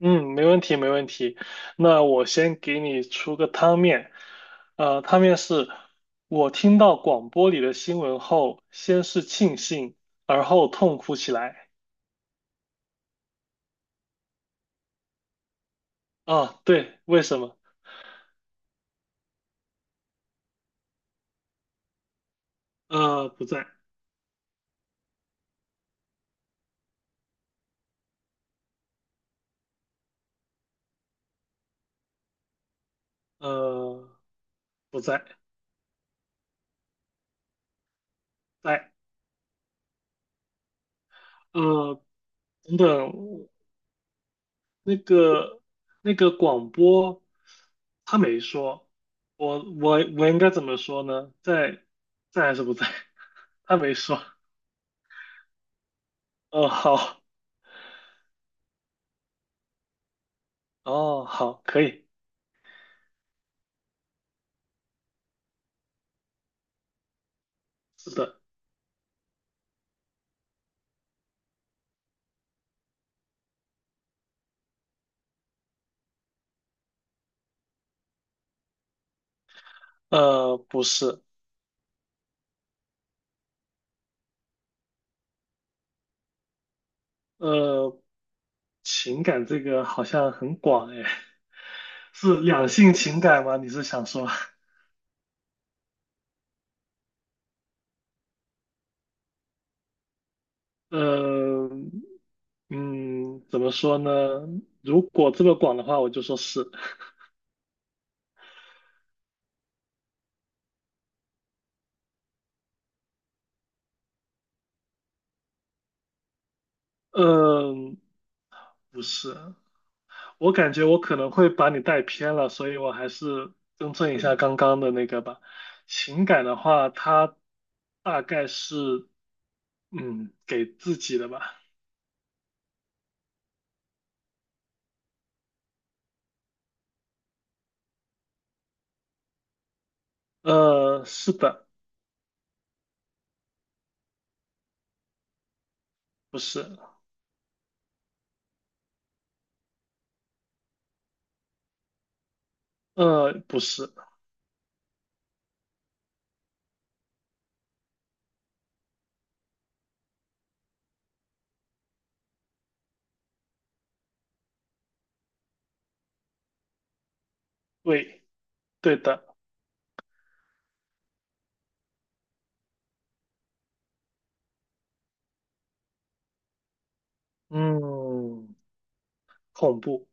嗯，没问题，没问题。那我先给你出个汤面，汤面是我听到广播里的新闻后，先是庆幸，而后痛哭起来。啊，对，为什么？不在，呃，不在，在，呃，等等，那个那个广播他没说，我我我应该怎么说呢？在在还是不在？他没说。呃，好。哦，好，可以，是的，不是，呃，情感这个好像很广哎，是两性情感吗？你是想说，呃，嗯，怎么说呢？如果这么广的话，我就说是，嗯、不是，我感觉我可能会把你带偏了，所以我还是更正一下刚刚的那个吧。情感的话，它大概是，嗯，给自己的吧。是的。不是，不是，对，对的，嗯，恐怖。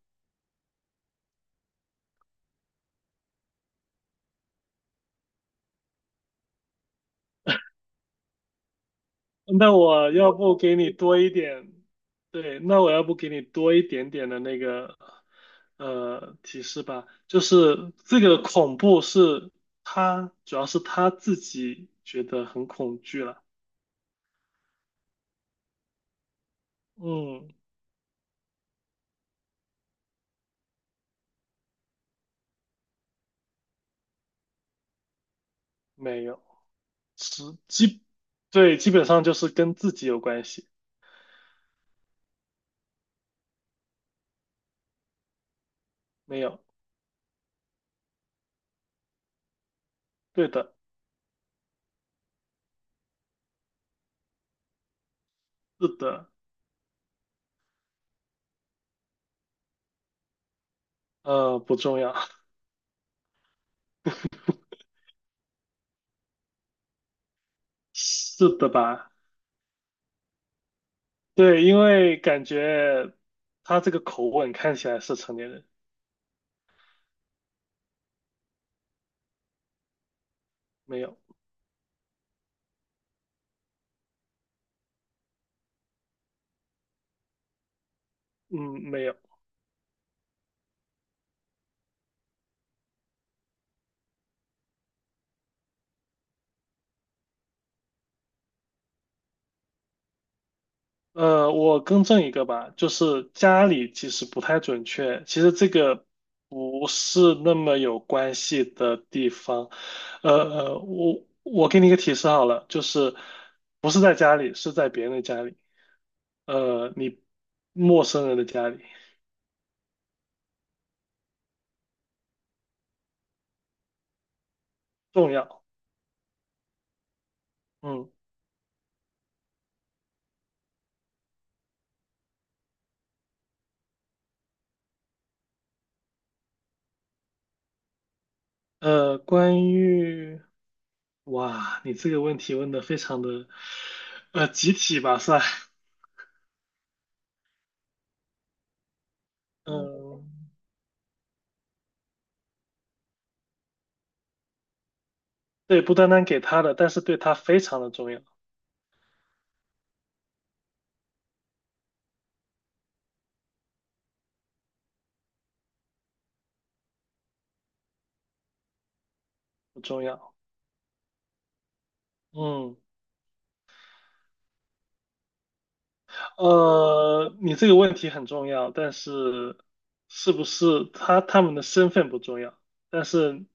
那我要不给你多一点，对，那我要不给你多一点点的那个，提示吧，就是这个恐怖是他，主要是他自己觉得很恐惧了，嗯，没有，是基，对，基本上就是跟自己有关系，没有，对的，是的，不重要，是的吧？对，因为感觉他这个口吻看起来是成年人，没有，嗯，没有。我更正一个吧，就是家里其实不太准确，其实这个不是那么有关系的地方。我给你一个提示好了，就是不是在家里，是在别人的家里，呃，你陌生人的家里重要。嗯，关于。哇，你这个问题问的非常的，集体吧算，嗯，嗯对，不单单给他的，但是对他非常的重要，不重要。嗯，你这个问题很重要，但是是不是他们的身份不重要，但是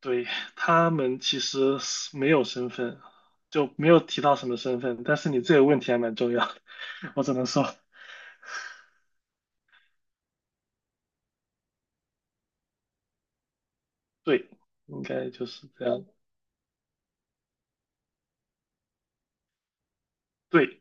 对他们其实是没有身份，就没有提到什么身份，但是你这个问题还蛮重要的，我只能说对，应该就是这样。对。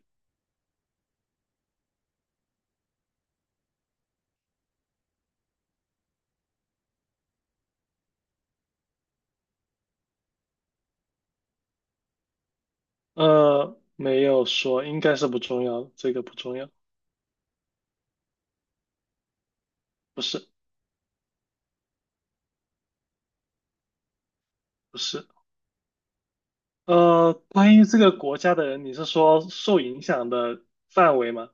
没有说，应该是不重要，这个不重要，不是，不是。关于这个国家的人，你是说受影响的范围吗？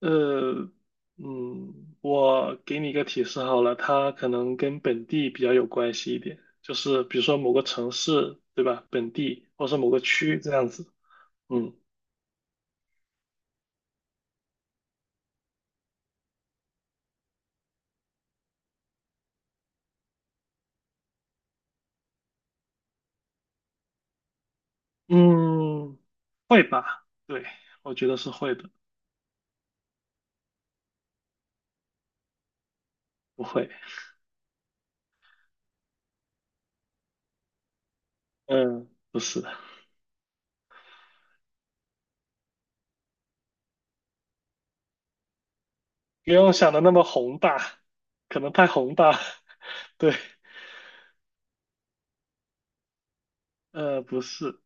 呃，嗯，我给你一个提示好了，它可能跟本地比较有关系一点，就是比如说某个城市，对吧？本地或是某个区这样子。嗯嗯，会吧？对，我觉得是会的，不会。嗯，不是。不用想的那么宏大，可能太宏大。对，不是，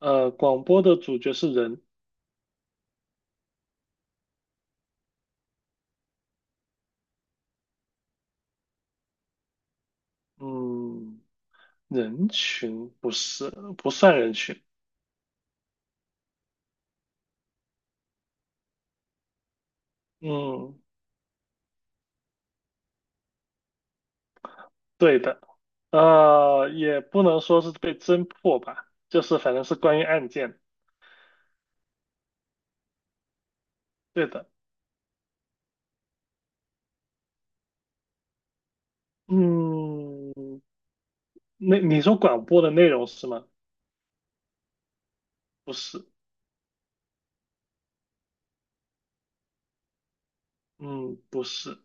广播的主角是人，嗯，人群不是，不算人群，嗯，对的，也不能说是被侦破吧，就是反正是关于案件，对的，嗯，那你说广播的内容是吗？不是，嗯，不是，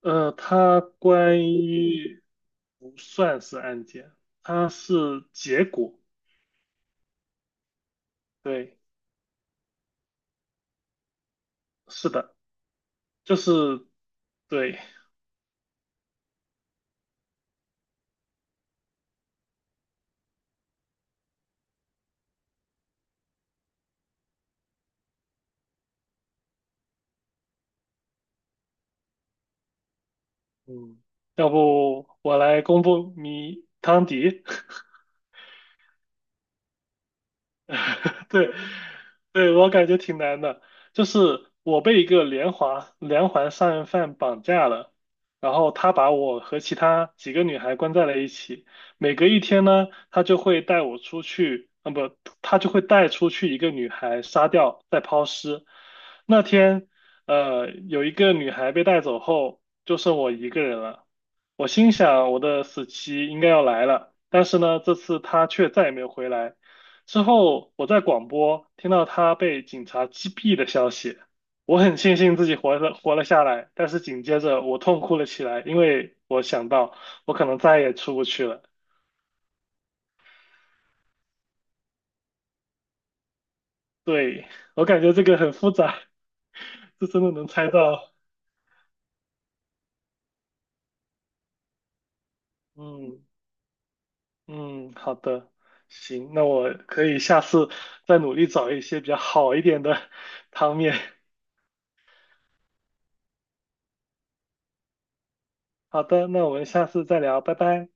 它关于。不算是案件，它是结果。对，是的，就是对，嗯，要不我来公布谜汤迪。对，对，我感觉挺难的。就是我被一个连环杀人犯绑架了，然后他把我和其他几个女孩关在了一起。每隔一天呢，他就会带我出去，啊不，他就会带出去一个女孩杀掉，再抛尸。那天，有一个女孩被带走后，就剩我一个人了。我心想，我的死期应该要来了，但是呢，这次她却再也没有回来。之后，我在广播听到他被警察击毙的消息，我很庆幸自己活了下来，但是紧接着我痛哭了起来，因为我想到我可能再也出不去了。对，我感觉这个很复杂，这真的能猜到。嗯嗯，好的，行，那我可以下次再努力找一些比较好一点的汤面。好的，那我们下次再聊，拜拜。